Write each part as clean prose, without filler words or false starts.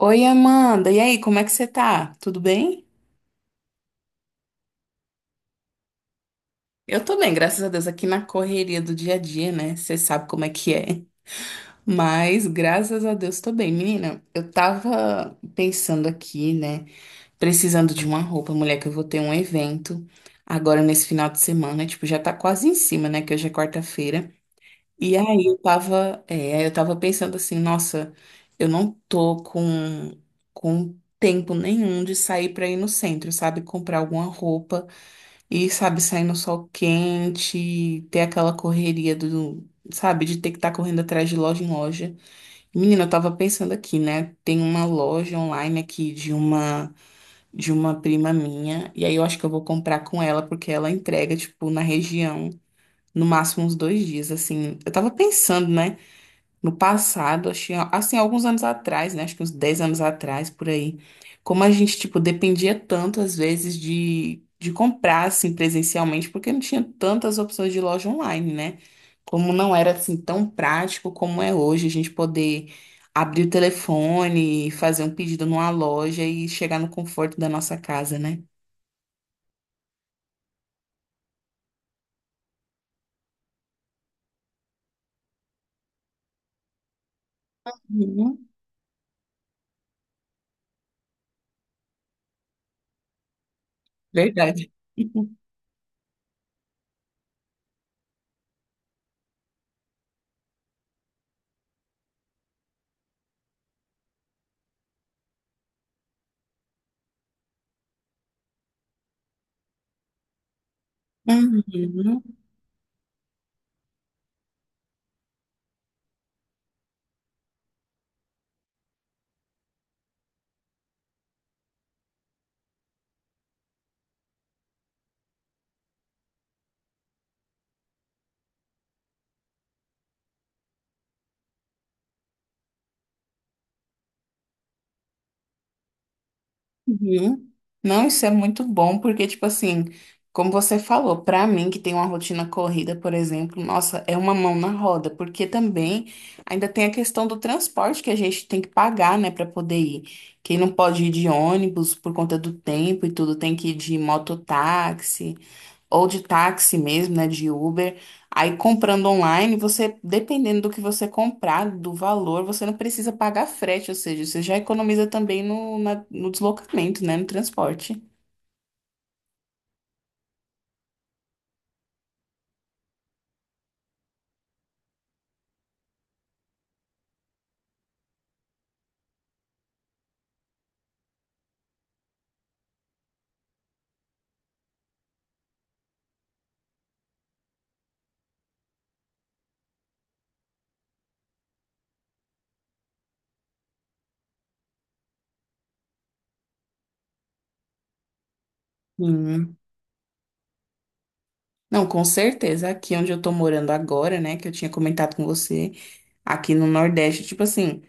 Oi, Amanda. E aí, como é que você tá? Tudo bem? Eu tô bem, graças a Deus, aqui na correria do dia a dia, né? Você sabe como é que é. Mas, graças a Deus, tô bem. Menina, eu tava pensando aqui, né? Precisando de uma roupa, mulher, que eu vou ter um evento agora nesse final de semana. Tipo, já tá quase em cima, né? Que hoje é quarta-feira. E aí eu tava, é, aí eu tava pensando assim, nossa, eu não tô com tempo nenhum de sair pra ir no centro, sabe? Comprar alguma roupa. E, sabe, sair no sol quente, ter aquela correria do, sabe, de ter que estar correndo atrás de loja em loja. Menina, eu tava pensando aqui, né? Tem uma loja online aqui de uma prima minha, e aí eu acho que eu vou comprar com ela porque ela entrega tipo na região, no máximo uns 2 dias, assim. Eu tava pensando, né? No passado, achei, assim, alguns anos atrás, né? Acho que uns 10 anos atrás, por aí. Como a gente, tipo, dependia tanto, às vezes, de comprar, assim, presencialmente, porque não tinha tantas opções de loja online, né? Como não era, assim, tão prático como é hoje, a gente poder abrir o telefone, fazer um pedido numa loja e chegar no conforto da nossa casa, né? Uhum. Verdade. Uhum. Uhum. Não, isso é muito bom, porque, tipo assim, como você falou, pra mim que tem uma rotina corrida, por exemplo, nossa, é uma mão na roda, porque também ainda tem a questão do transporte que a gente tem que pagar, né, pra poder ir. Quem não pode ir de ônibus por conta do tempo e tudo, tem que ir de mototáxi ou de táxi mesmo, né, de Uber. Aí comprando online, você, dependendo do que você comprar, do valor, você não precisa pagar frete, ou seja, você já economiza também no deslocamento, né, no transporte. Sim. Não, com certeza, aqui onde eu tô morando agora, né, que eu tinha comentado com você, aqui no Nordeste, tipo assim,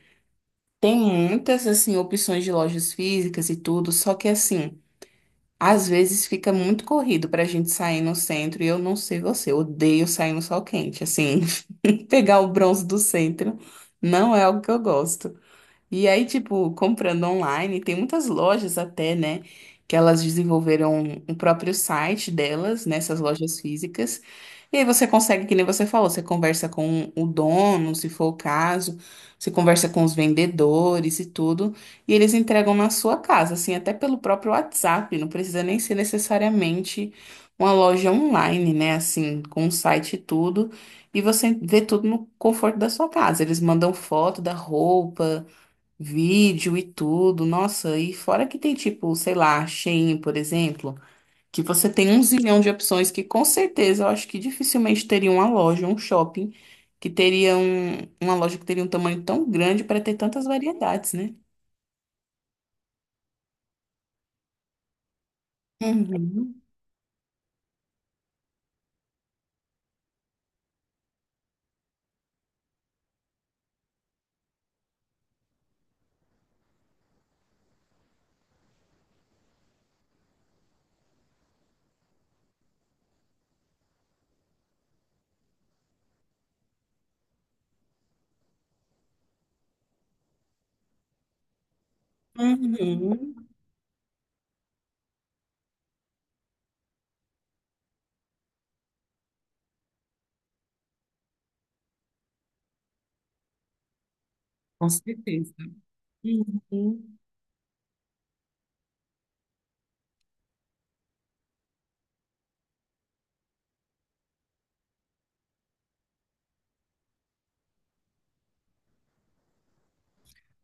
tem muitas, assim, opções de lojas físicas e tudo, só que assim, às vezes fica muito corrido pra gente sair no centro, e eu não sei você, eu odeio sair no sol quente, assim. Pegar o bronze do centro. Não é algo que eu gosto. E aí, tipo, comprando online, tem muitas lojas até, né? Que elas desenvolveram o próprio site delas, nessas lojas físicas. E aí você consegue, que nem você falou, você conversa com o dono, se for o caso, você conversa com os vendedores e tudo, e eles entregam na sua casa, assim, até pelo próprio WhatsApp, não precisa nem ser necessariamente uma loja online, né? Assim, com o site e tudo, e você vê tudo no conforto da sua casa. Eles mandam foto da roupa, vídeo e tudo. Nossa, e fora que tem tipo, sei lá, Shein, por exemplo, que você tem um zilhão de opções que com certeza eu acho que dificilmente teria uma loja, um shopping que teria uma loja que teria um tamanho tão grande para ter tantas variedades, né? Uhum, uhum, com certeza. Uhum.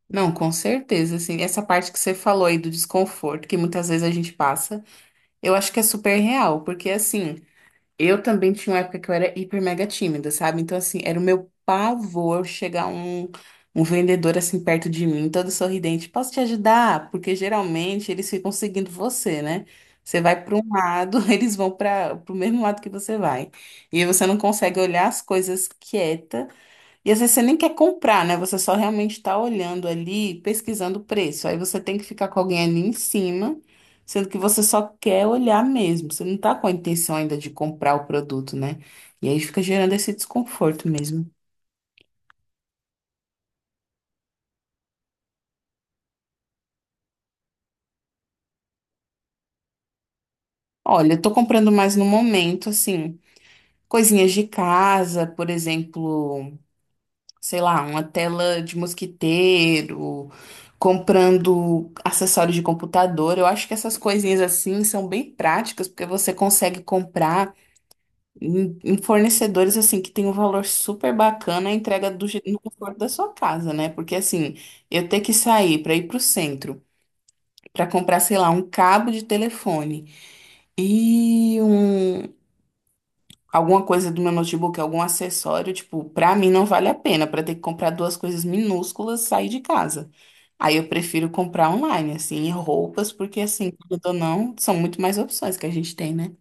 Não, com certeza, assim, essa parte que você falou aí do desconforto, que muitas vezes a gente passa, eu acho que é super real, porque assim, eu também tinha uma época que eu era hiper mega tímida, sabe? Então, assim, era o meu pavor chegar um vendedor assim perto de mim, todo sorridente. Posso te ajudar? Porque geralmente eles ficam seguindo você, né? Você vai para um lado, eles vão para o mesmo lado que você vai. E aí você não consegue olhar as coisas quieta e às vezes você nem quer comprar, né? Você só realmente está olhando ali, pesquisando o preço. Aí você tem que ficar com alguém ali em cima, sendo que você só quer olhar mesmo. Você não está com a intenção ainda de comprar o produto, né? E aí fica gerando esse desconforto mesmo. Olha, eu tô comprando mais no momento, assim, coisinhas de casa, por exemplo. Sei lá, uma tela de mosquiteiro, comprando acessórios de computador. Eu acho que essas coisinhas assim são bem práticas, porque você consegue comprar em fornecedores assim que tem um valor super bacana a entrega no conforto da sua casa, né? Porque assim, eu ter que sair para ir pro centro. Para comprar, sei lá, um cabo de telefone e um alguma coisa do meu notebook, algum acessório, tipo, pra mim não vale a pena, pra ter que comprar duas coisas minúsculas, sair de casa. Aí eu prefiro comprar online, assim, e roupas, porque assim, querendo ou não, são muito mais opções que a gente tem, né?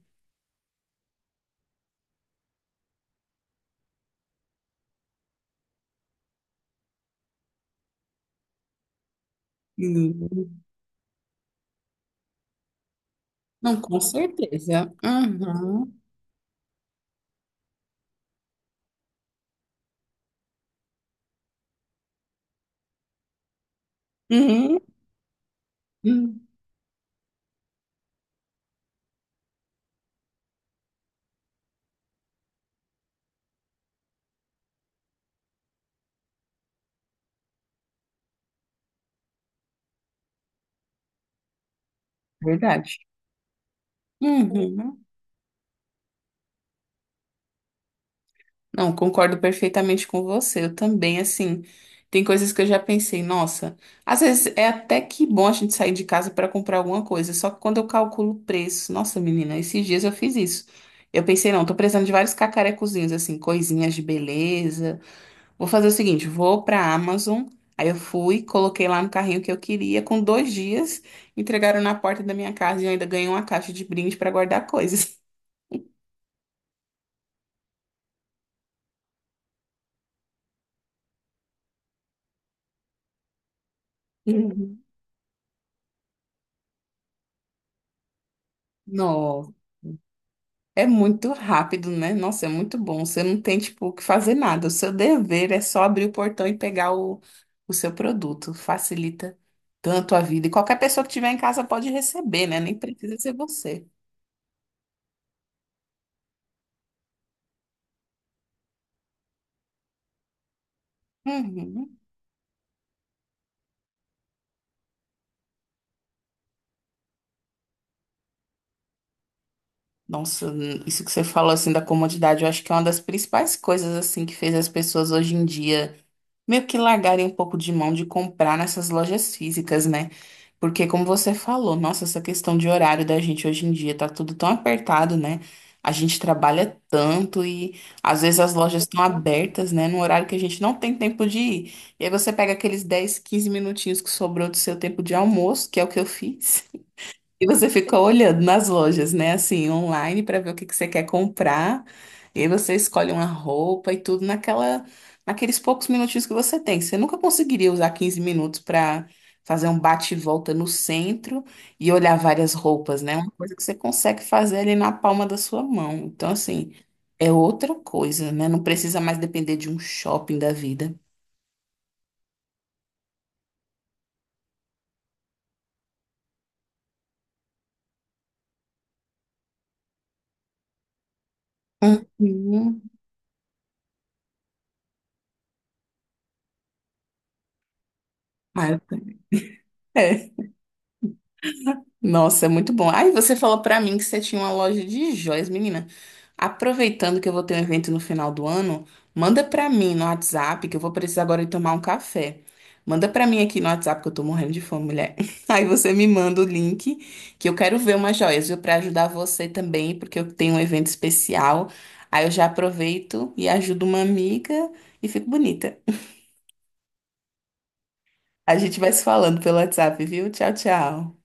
Hum. Não, com certeza. Uhum. Uhum. Uhum. Verdade. Uhum. Não, concordo perfeitamente com você. Eu também, assim, tem coisas que eu já pensei, nossa, às vezes é até que bom a gente sair de casa para comprar alguma coisa, só que quando eu calculo o preço, nossa, menina, esses dias eu fiz isso. Eu pensei, não, tô precisando de vários cacarecozinhos, assim, coisinhas de beleza. Vou fazer o seguinte, vou pra Amazon. Aí eu fui, coloquei lá no carrinho que eu queria, com 2 dias, entregaram na porta da minha casa e eu ainda ganhei uma caixa de brinde para guardar coisas. Uhum. É muito rápido, né? Nossa, é muito bom. Você não tem, tipo, o que fazer nada. O seu dever é só abrir o portão e pegar o seu produto. Facilita tanto a vida. E qualquer pessoa que tiver em casa pode receber, né? Nem precisa ser você. Uhum. Nossa, isso que você falou, assim, da comodidade, eu acho que é uma das principais coisas, assim, que fez as pessoas hoje em dia meio que largarem um pouco de mão de comprar nessas lojas físicas, né? Porque, como você falou, nossa, essa questão de horário da gente hoje em dia tá tudo tão apertado, né? A gente trabalha tanto e às vezes as lojas estão abertas, né? Num horário que a gente não tem tempo de ir. E aí você pega aqueles 10, 15 minutinhos que sobrou do seu tempo de almoço, que é o que eu fiz. E você fica olhando nas lojas, né? Assim, online para ver o que que você quer comprar. E aí você escolhe uma roupa e tudo naquela, naqueles poucos minutinhos que você tem. Você nunca conseguiria usar 15 minutos para fazer um bate e volta no centro e olhar várias roupas, né? Uma coisa que você consegue fazer ali na palma da sua mão. Então, assim, é outra coisa, né? Não precisa mais depender de um shopping da vida. Uhum. Ah, eu- É. Nossa, é muito bom. Aí você falou pra mim que você tinha uma loja de joias, menina. Aproveitando que eu vou ter um evento no final do ano, manda pra mim no WhatsApp que eu vou precisar agora de tomar um café. Manda pra mim aqui no WhatsApp que eu tô morrendo de fome, mulher. Aí você me manda o link que eu quero ver umas joias, viu? Pra ajudar você também, porque eu tenho um evento especial. Aí eu já aproveito e ajudo uma amiga e fico bonita. A gente vai se falando pelo WhatsApp, viu? Tchau, tchau.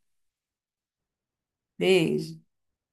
Beijo.